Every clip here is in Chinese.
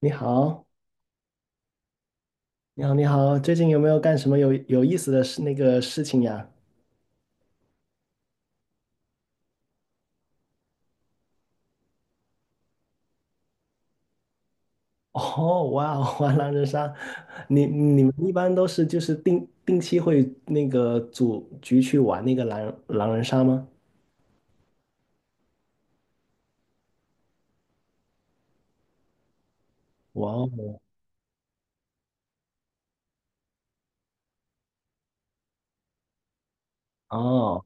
你好，你好，你好，最近有没有干什么有意思的那个事情呀？哦，哇哦，玩狼人杀。你们一般都是就是定期会那个组局去玩那个狼人杀吗？哇哦，哦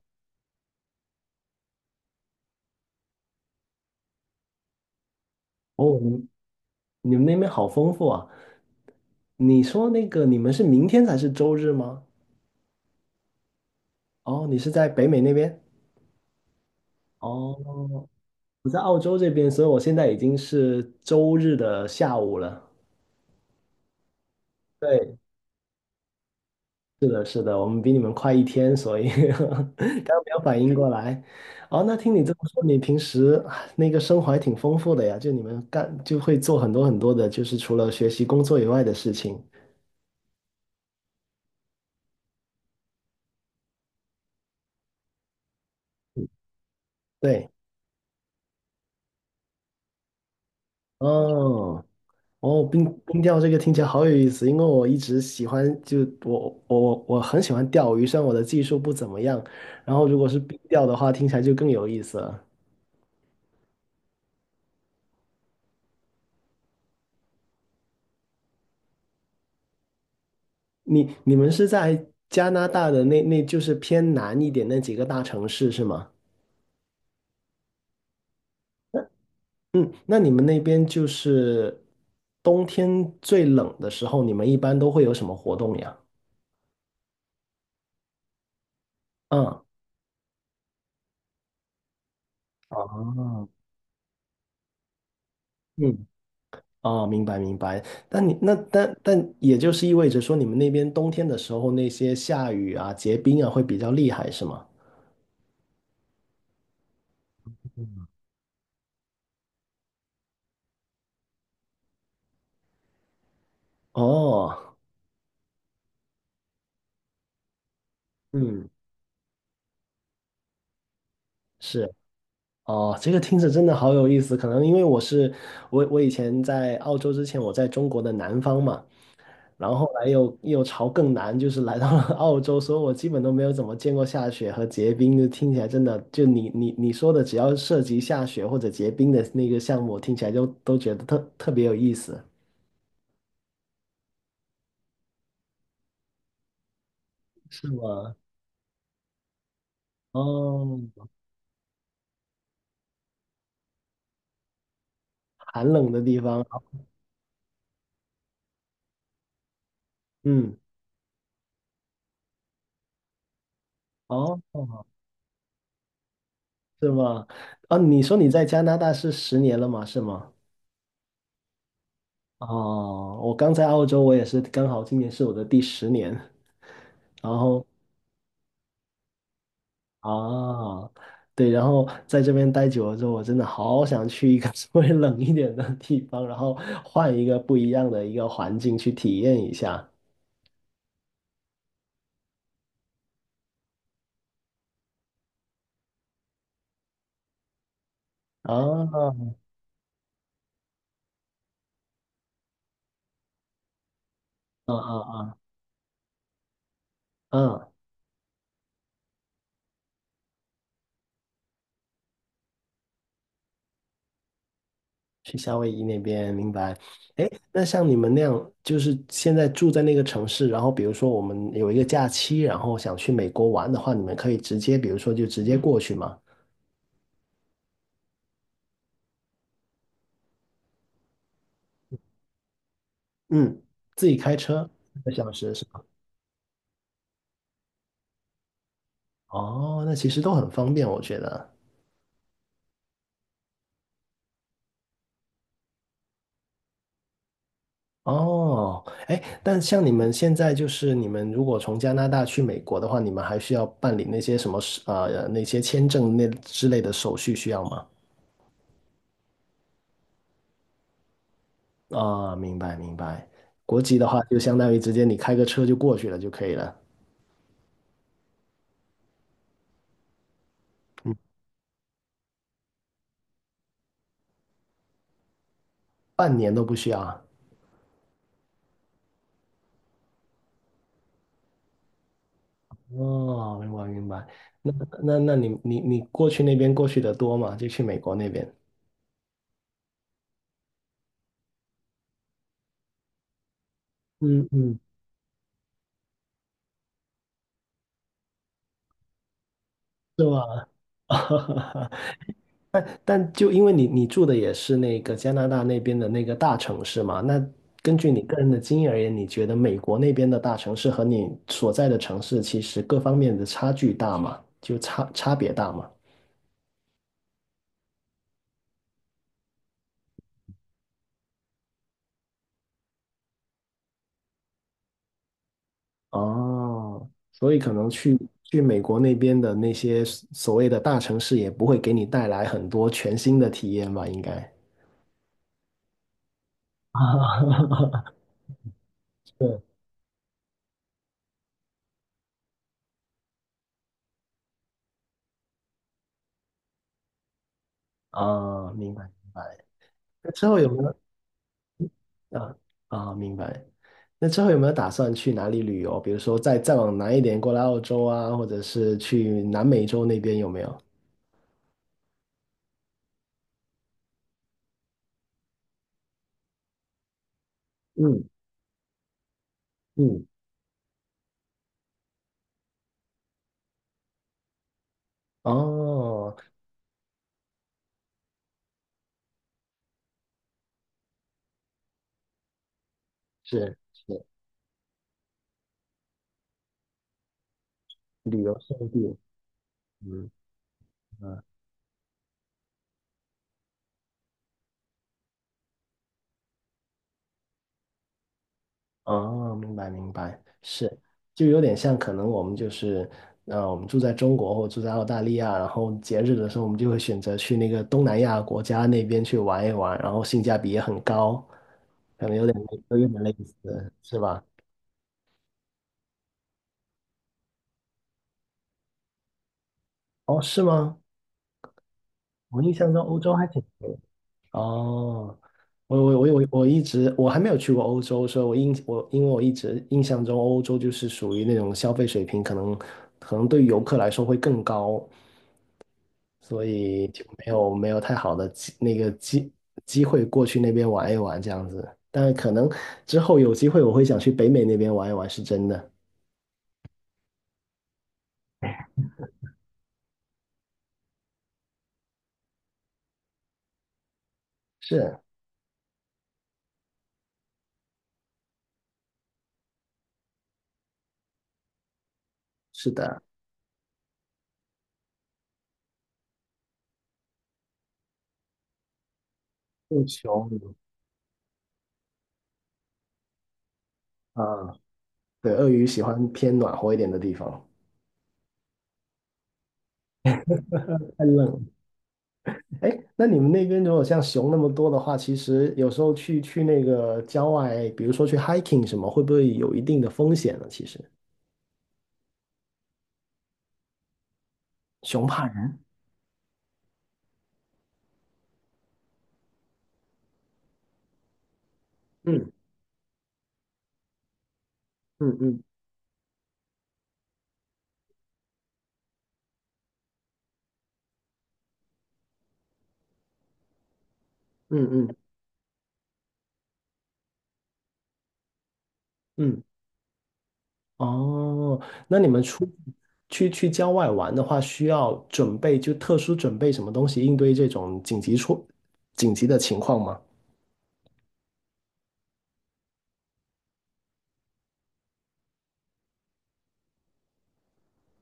哦，你们那边好丰富啊！你说那个你们是明天才是周日吗？哦，你是在北美那边？哦，我在澳洲这边，所以我现在已经是周日的下午了。对，是的，我们比你们快一天，所以 刚没有反应过来。哦，那听你这么说，你平时啊那个生活还挺丰富的呀，就你们就会做很多很多的，就是除了学习工作以外的事情。对，哦，哦，冰钓这个听起来好有意思，因为我一直喜欢，就我很喜欢钓鱼，虽然我的技术不怎么样，然后如果是冰钓的话，听起来就更有意思了。你们是在加拿大的那就是偏南一点那几个大城市是吗？嗯，那你们那边就是冬天最冷的时候，你们一般都会有什么活动呀？嗯哦，嗯，哦，明白明白。但你那但但也就是意味着说，你们那边冬天的时候，那些下雨啊、结冰啊会比较厉害，是吗？哦，嗯，是。哦，这个听着真的好有意思。可能因为我是我我以前在澳洲之前，我在中国的南方嘛。然后后来又朝更南，就是来到了 澳洲，所以我基本都没有怎么见过下雪和结冰，就听起来真的，就你说的，只要涉及下雪或者结冰的那个项目，听起来就都觉得特别有意思，是吗？哦，寒冷的地方，嗯，哦，是吗？啊，你说你在加拿大是十年了吗？是吗？哦，我刚在澳洲，我也是刚好今年是我的第10年，然后啊，对，然后在这边待久了之后，我真的好想去一个 稍微冷一点的地方，然后换一个不一样的一个环境去体验一下。啊，啊啊啊啊！去夏威夷那边，明白。哎，那像你们那样，就是现在住在那个城市，然后比如说我们有一个假期，然后想去美国玩的话，你们可以直接，比如说就直接过去吗？嗯，自己开车1个小时是吧？哦，那其实都很方便，我觉得。哦，哎，但像你们现在就是你们如果从加拿大去美国的话，你们还需要办理那些什么事那些签证那之类的手续需要吗？啊，明白明白。国籍的话，就相当于直接你开个车就过去了就可以了，半年都不需要啊。哦，明白明白。那那你过去那边过去的多吗？就去美国那边。嗯嗯，是吧？但就因为你住的也是那个加拿大那边的那个大城市嘛，那根据你个人的经验而言，你觉得美国那边的大城市和你所在的城市其实各方面的差距大吗？就差别大吗？哦，所以可能去美国那边的那些所谓的大城市也不会给你带来很多全新的体验吧，应该。啊，是啊，明白明白。那之后有没有？啊啊，明白。那之后有没有打算去哪里旅游？比如说再往南一点，过来澳洲啊，或者是去南美洲那边有没有？嗯嗯，哦，是是，旅游胜地，嗯嗯，哦，明白明白，是，就有点像可能我们就是，我们住在中国或住在澳大利亚，然后节日的时候我们就会选择去那个东南亚国家那边去玩一玩，然后性价比也很高，可能有点类似，是吧？哦，是吗？我印象中欧洲还挺多的。哦，我我我我我一直我还没有去过欧洲，所以我印我因为我一直印象中欧洲就是属于那种消费水平可能对于游客来说会更高，所以就没有太好的机会过去那边玩一玩这样子。但可能之后有机会我会想去北美那边玩一玩，是真的。是是的，不穷啊，对，鳄鱼喜欢偏暖和一点的地方，太冷哎，那你们那边如果像熊那么多的话，其实有时候去那个郊外，比如说去 hiking 什么，会不会有一定的风险呢？其实，熊怕人。嗯嗯嗯嗯嗯嗯，哦，那你们出去郊外玩的话，需要准备就特殊准备什么东西应对这种紧急的情况吗？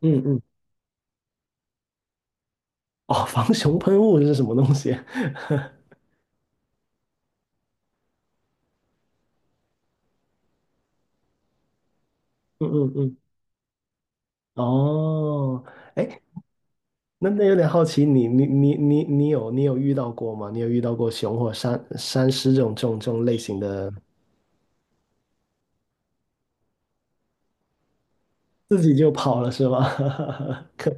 嗯嗯，哦，防熊喷雾是什么东西？嗯嗯嗯，哦，哎，那有点好奇，你有遇到过吗？你有遇到过熊或山狮这种类型的，自己就跑了是吗？可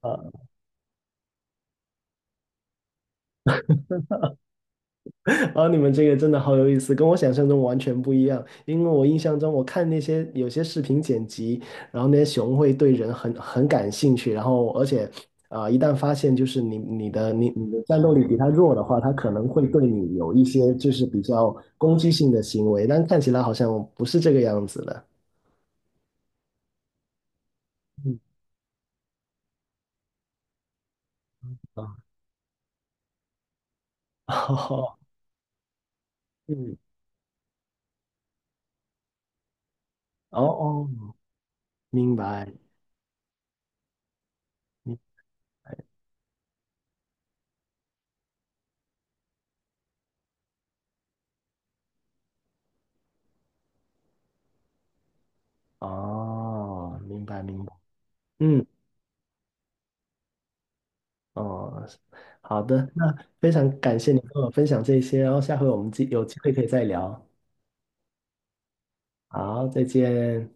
怕！啊，你们这个真的好有意思，跟我想象中完全不一样。因为我印象中，我看那些有些视频剪辑，然后那些熊会对人很感兴趣，然后而且啊、一旦发现就是你的战斗力比它弱的话，它可能会对你有一些就是比较攻击性的行为，但看起来好像不是这个样子的。啊，哦，嗯，哦哦，明白，明白，哦，明白，明白，嗯，哦，好的，那非常感谢你跟我分享这些，然后下回我们有机会可以再聊，好，再见。